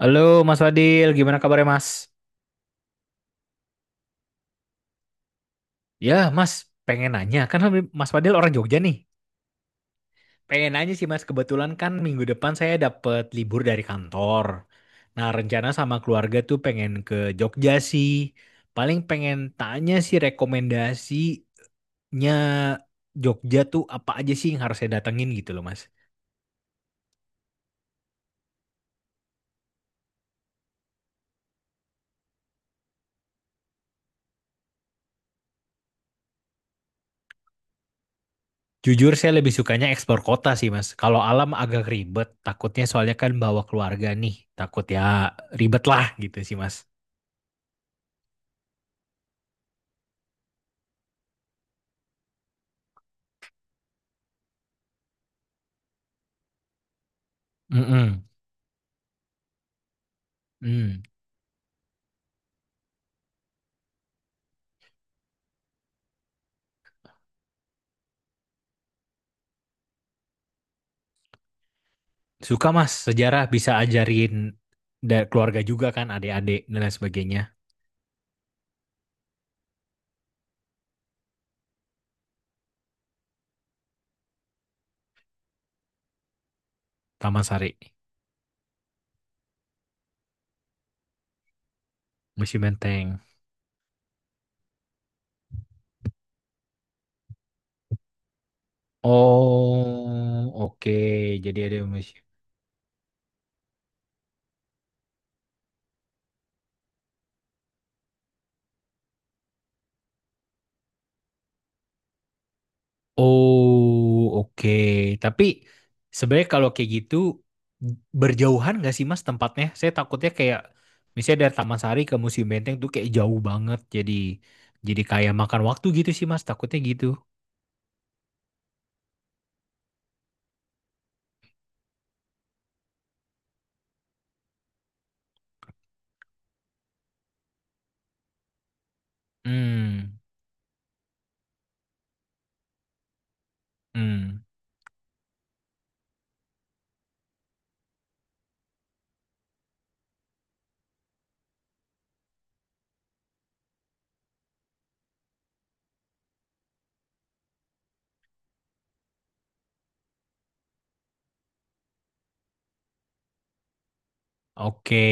Halo Mas Fadil, gimana kabarnya Mas? Ya Mas, pengen nanya, kan Mas Fadil orang Jogja nih. Pengen nanya sih Mas, kebetulan kan minggu depan saya dapat libur dari kantor. Nah, rencana sama keluarga tuh pengen ke Jogja sih. Paling pengen tanya sih rekomendasinya Jogja tuh apa aja sih yang harus saya datengin gitu loh Mas. Jujur saya lebih sukanya eksplor kota sih Mas. Kalau alam agak ribet, takutnya soalnya kan bawa keluarga nih. Takut ya ribet lah gitu sih Mas. Mm-mm. Hmm, suka Mas, sejarah bisa ajarin dari keluarga juga kan, adik-adik dan lain sebagainya. Taman Sari, Museum Menteng. Oh, oke. Jadi ada museum. Oh, oke. Tapi sebenarnya kalau kayak gitu berjauhan nggak sih Mas tempatnya? Saya takutnya kayak misalnya dari Taman Sari ke Museum Menteng tuh kayak jauh banget. Jadi kayak makan waktu gitu sih Mas. Takutnya gitu. Hmm, hmm, oke.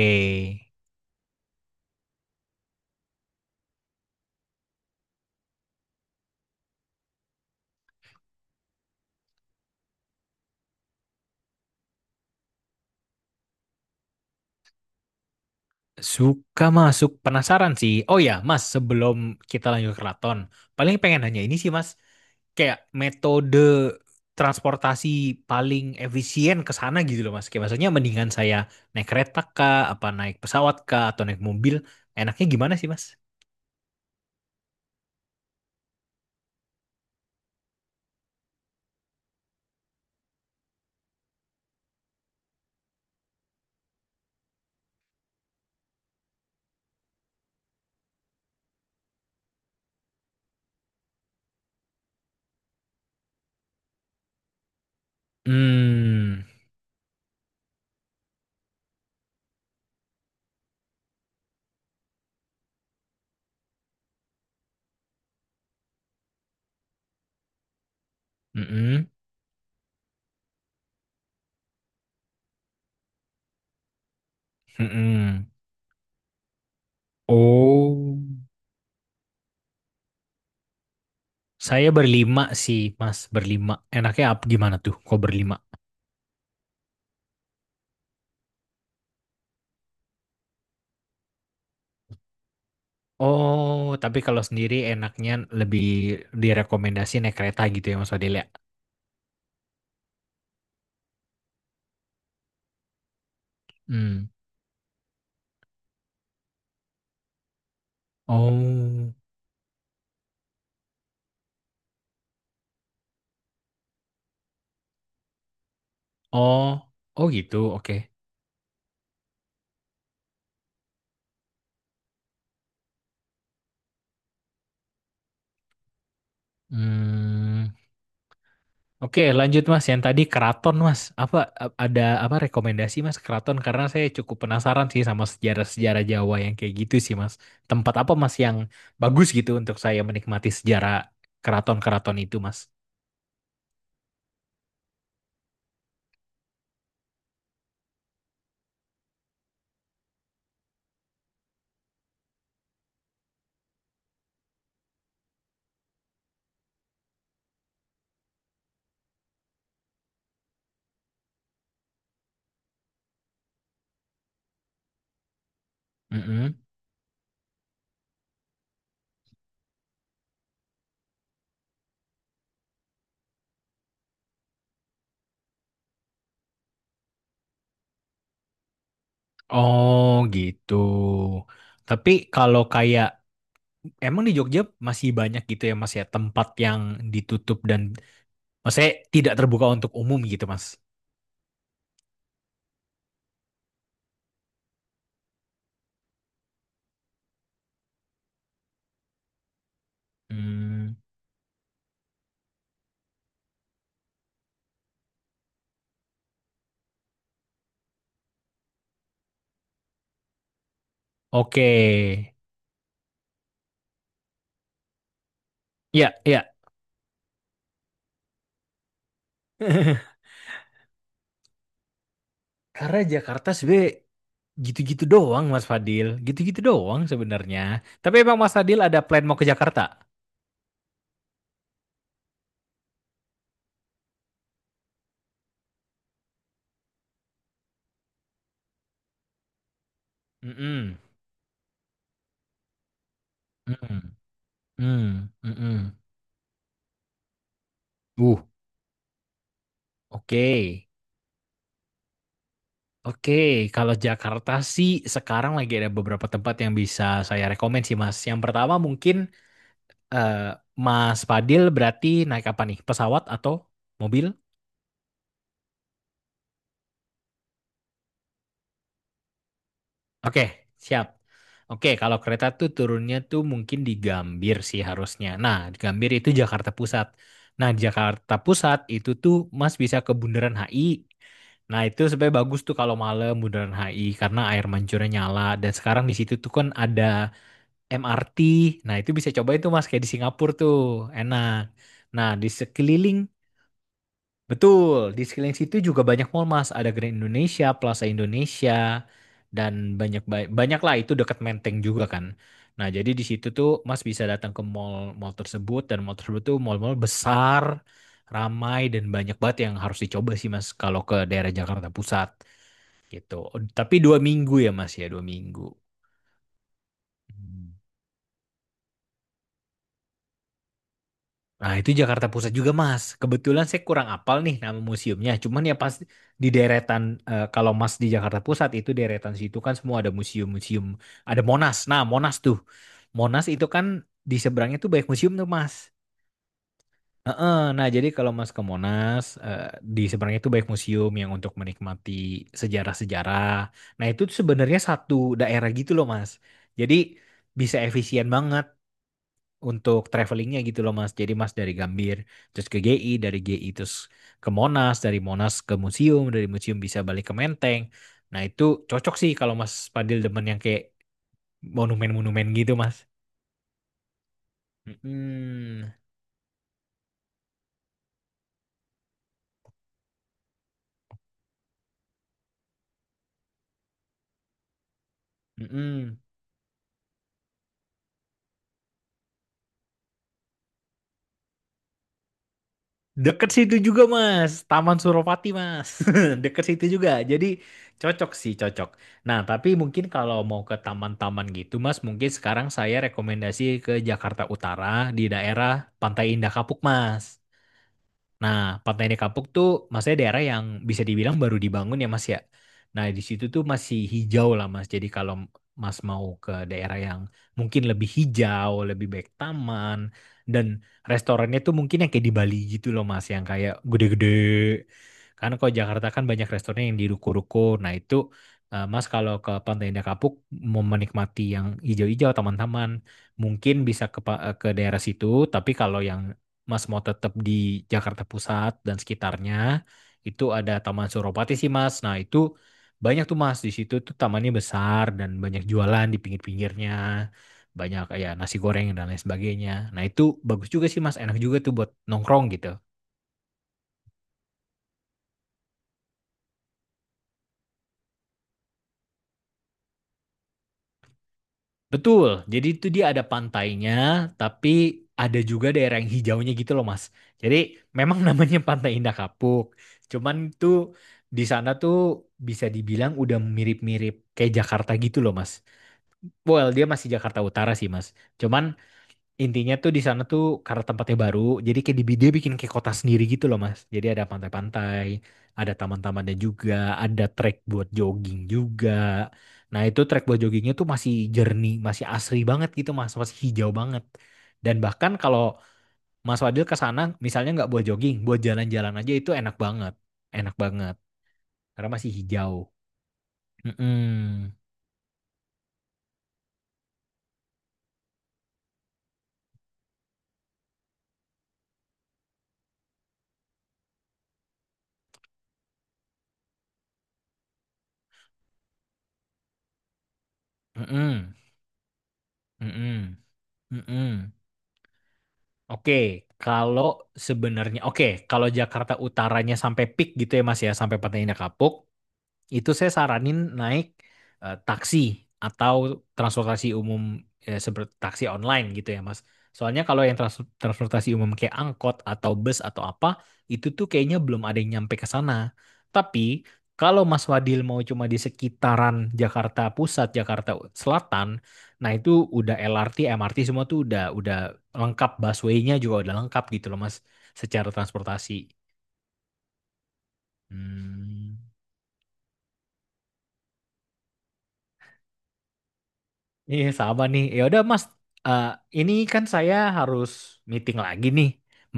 Suka masuk penasaran sih. Oh ya, Mas, sebelum kita lanjut ke keraton, paling pengen nanya ini sih, Mas. Kayak metode transportasi paling efisien ke sana gitu loh, Mas. Kayak maksudnya mendingan saya naik kereta kah, apa naik pesawat kah, atau naik mobil. Enaknya gimana sih, Mas? Hmm, mm-mm, mm-mm. Oh, saya berlima sih, Mas. Berlima. Enaknya apa gimana tuh? Kok berlima? Oh, tapi kalau sendiri enaknya lebih direkomendasi naik kereta gitu ya Mas Fadil ya? Hmm. Oh, oh, oh gitu. Oke. Hmm. Oke, lanjut Mas. Yang tadi keraton Mas. Apa ada apa rekomendasi Mas keraton? Karena saya cukup penasaran sih sama sejarah-sejarah Jawa yang kayak gitu sih Mas. Tempat apa Mas yang bagus gitu untuk saya menikmati sejarah keraton-keraton itu Mas? Mm-mm. Oh gitu. Tapi kalau kayak, emang di Jogja masih banyak gitu ya Mas ya tempat yang ditutup dan maksudnya tidak terbuka untuk umum gitu Mas? Hmm, oke. Ya, ya. Karena Jakarta sebenarnya gitu-gitu doang Mas Fadil, gitu-gitu doang sebenarnya. Tapi emang Mas Fadil ada plan mau ke Jakarta? Mm-mm. Mm-mm. Mm, mm-mm. Uh, oke. Oke, kalau Jakarta sih sekarang lagi ada beberapa tempat yang bisa saya rekomen sih Mas. Yang pertama mungkin, eh, Mas Fadil berarti naik apa nih? Pesawat atau mobil? Oke, siap. Oke, kalau kereta tuh turunnya tuh mungkin di Gambir sih harusnya. Nah, di Gambir itu Jakarta Pusat. Nah, di Jakarta Pusat itu tuh Mas bisa ke Bundaran HI. Nah, itu sebenarnya bagus tuh kalau malam Bundaran HI karena air mancurnya nyala dan sekarang di situ tuh kan ada MRT. Nah, itu bisa cobain tuh Mas kayak di Singapura tuh. Enak. Nah, di sekeliling Betul, di sekeliling situ juga banyak mall Mas, ada Grand Indonesia, Plaza Indonesia, dan banyak banyak lah itu dekat Menteng juga kan. Nah, jadi di situ tuh Mas bisa datang ke mall-mall tersebut dan mall tersebut tuh mall-mall besar, ramai dan banyak banget yang harus dicoba sih Mas kalau ke daerah Jakarta Pusat gitu. Tapi 2 minggu ya Mas ya, 2 minggu. Hmm. Nah, itu Jakarta Pusat juga, Mas. Kebetulan saya kurang apal nih nama museumnya. Cuman ya pas di deretan, eh, kalau Mas di Jakarta Pusat itu deretan situ kan semua ada museum-museum. Ada Monas. Nah, Monas tuh. Monas itu kan di seberangnya tuh banyak museum tuh, Mas. Heeh. Nah, jadi kalau Mas ke Monas, eh, di seberangnya tuh banyak museum yang untuk menikmati sejarah-sejarah. Nah, itu tuh sebenarnya satu daerah gitu loh, Mas. Jadi bisa efisien banget untuk travelingnya gitu loh Mas. Jadi Mas dari Gambir terus ke GI, dari GI terus ke Monas, dari Monas ke museum, dari museum bisa balik ke Menteng. Nah, itu cocok sih kalau Mas Padil demen yang kayak monumen-monumen gitu Mas. Mm-mm. Mm-mm. Deket situ juga Mas, Taman Suropati Mas. Deket situ juga. Jadi cocok sih, cocok. Nah, tapi mungkin kalau mau ke taman-taman gitu Mas, mungkin sekarang saya rekomendasi ke Jakarta Utara di daerah Pantai Indah Kapuk Mas. Nah, Pantai Kapuk tuh maksudnya daerah yang bisa dibilang baru dibangun ya Mas ya. Nah, di situ tuh masih hijau lah Mas. Jadi kalau Mas mau ke daerah yang mungkin lebih hijau, lebih baik taman dan restorannya tuh mungkin yang kayak di Bali gitu loh Mas, yang kayak gede-gede. Karena kalau Jakarta kan banyak restoran yang di ruko-ruko. Nah, itu, eh, Mas kalau ke Pantai Indah Kapuk mau menikmati yang hijau-hijau, taman-taman, mungkin bisa ke ke daerah situ, tapi kalau yang Mas mau tetap di Jakarta Pusat dan sekitarnya, itu ada Taman Suropati sih Mas. Nah, itu banyak tuh Mas di situ tuh tamannya besar dan banyak jualan di pinggir-pinggirnya, banyak ya nasi goreng dan lain sebagainya. Nah, itu bagus juga sih Mas, enak juga tuh buat nongkrong gitu. Betul, jadi itu dia ada pantainya, tapi ada juga daerah yang hijaunya gitu loh Mas. Jadi memang namanya Pantai Indah Kapuk, cuman tuh di sana tuh bisa dibilang udah mirip-mirip kayak Jakarta gitu loh Mas. Well, dia masih Jakarta Utara sih Mas. Cuman intinya tuh di sana tuh karena tempatnya baru, jadi kayak di dia bikin kayak kota sendiri gitu loh Mas. Jadi ada pantai-pantai, ada taman-tamannya juga, ada trek buat jogging juga. Nah, itu trek buat joggingnya tuh masih jernih, masih asri banget gitu Mas, masih hijau banget. Dan bahkan kalau Mas Wadil ke sana, misalnya nggak buat jogging, buat jalan-jalan aja itu enak banget karena masih hijau. Mm-mm. Mm-mm. Mm-mm. Mm-mm. Oke, kalau sebenarnya, oke, kalau Jakarta utaranya sampai peak gitu ya Mas ya, sampai pantainya kapuk, itu saya saranin naik, taksi atau transportasi umum, seperti taksi online gitu ya Mas. Soalnya kalau yang transportasi umum kayak angkot atau bus atau apa itu tuh kayaknya belum ada yang nyampe ke sana. Tapi kalau Mas Wadil mau cuma di sekitaran Jakarta Pusat, Jakarta Selatan, nah itu udah LRT, MRT semua tuh udah lengkap busway-nya juga udah lengkap gitu loh Mas secara transportasi. Hmm. Iya sama nih. Ya udah Mas, eh, ini kan saya harus meeting lagi nih.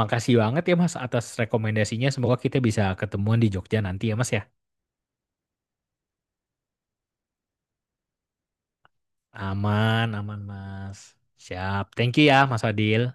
Makasih banget ya Mas atas rekomendasinya. Semoga kita bisa ketemuan di Jogja nanti ya Mas ya. Aman, aman Mas. Siap. Thank you ya Mas Adil.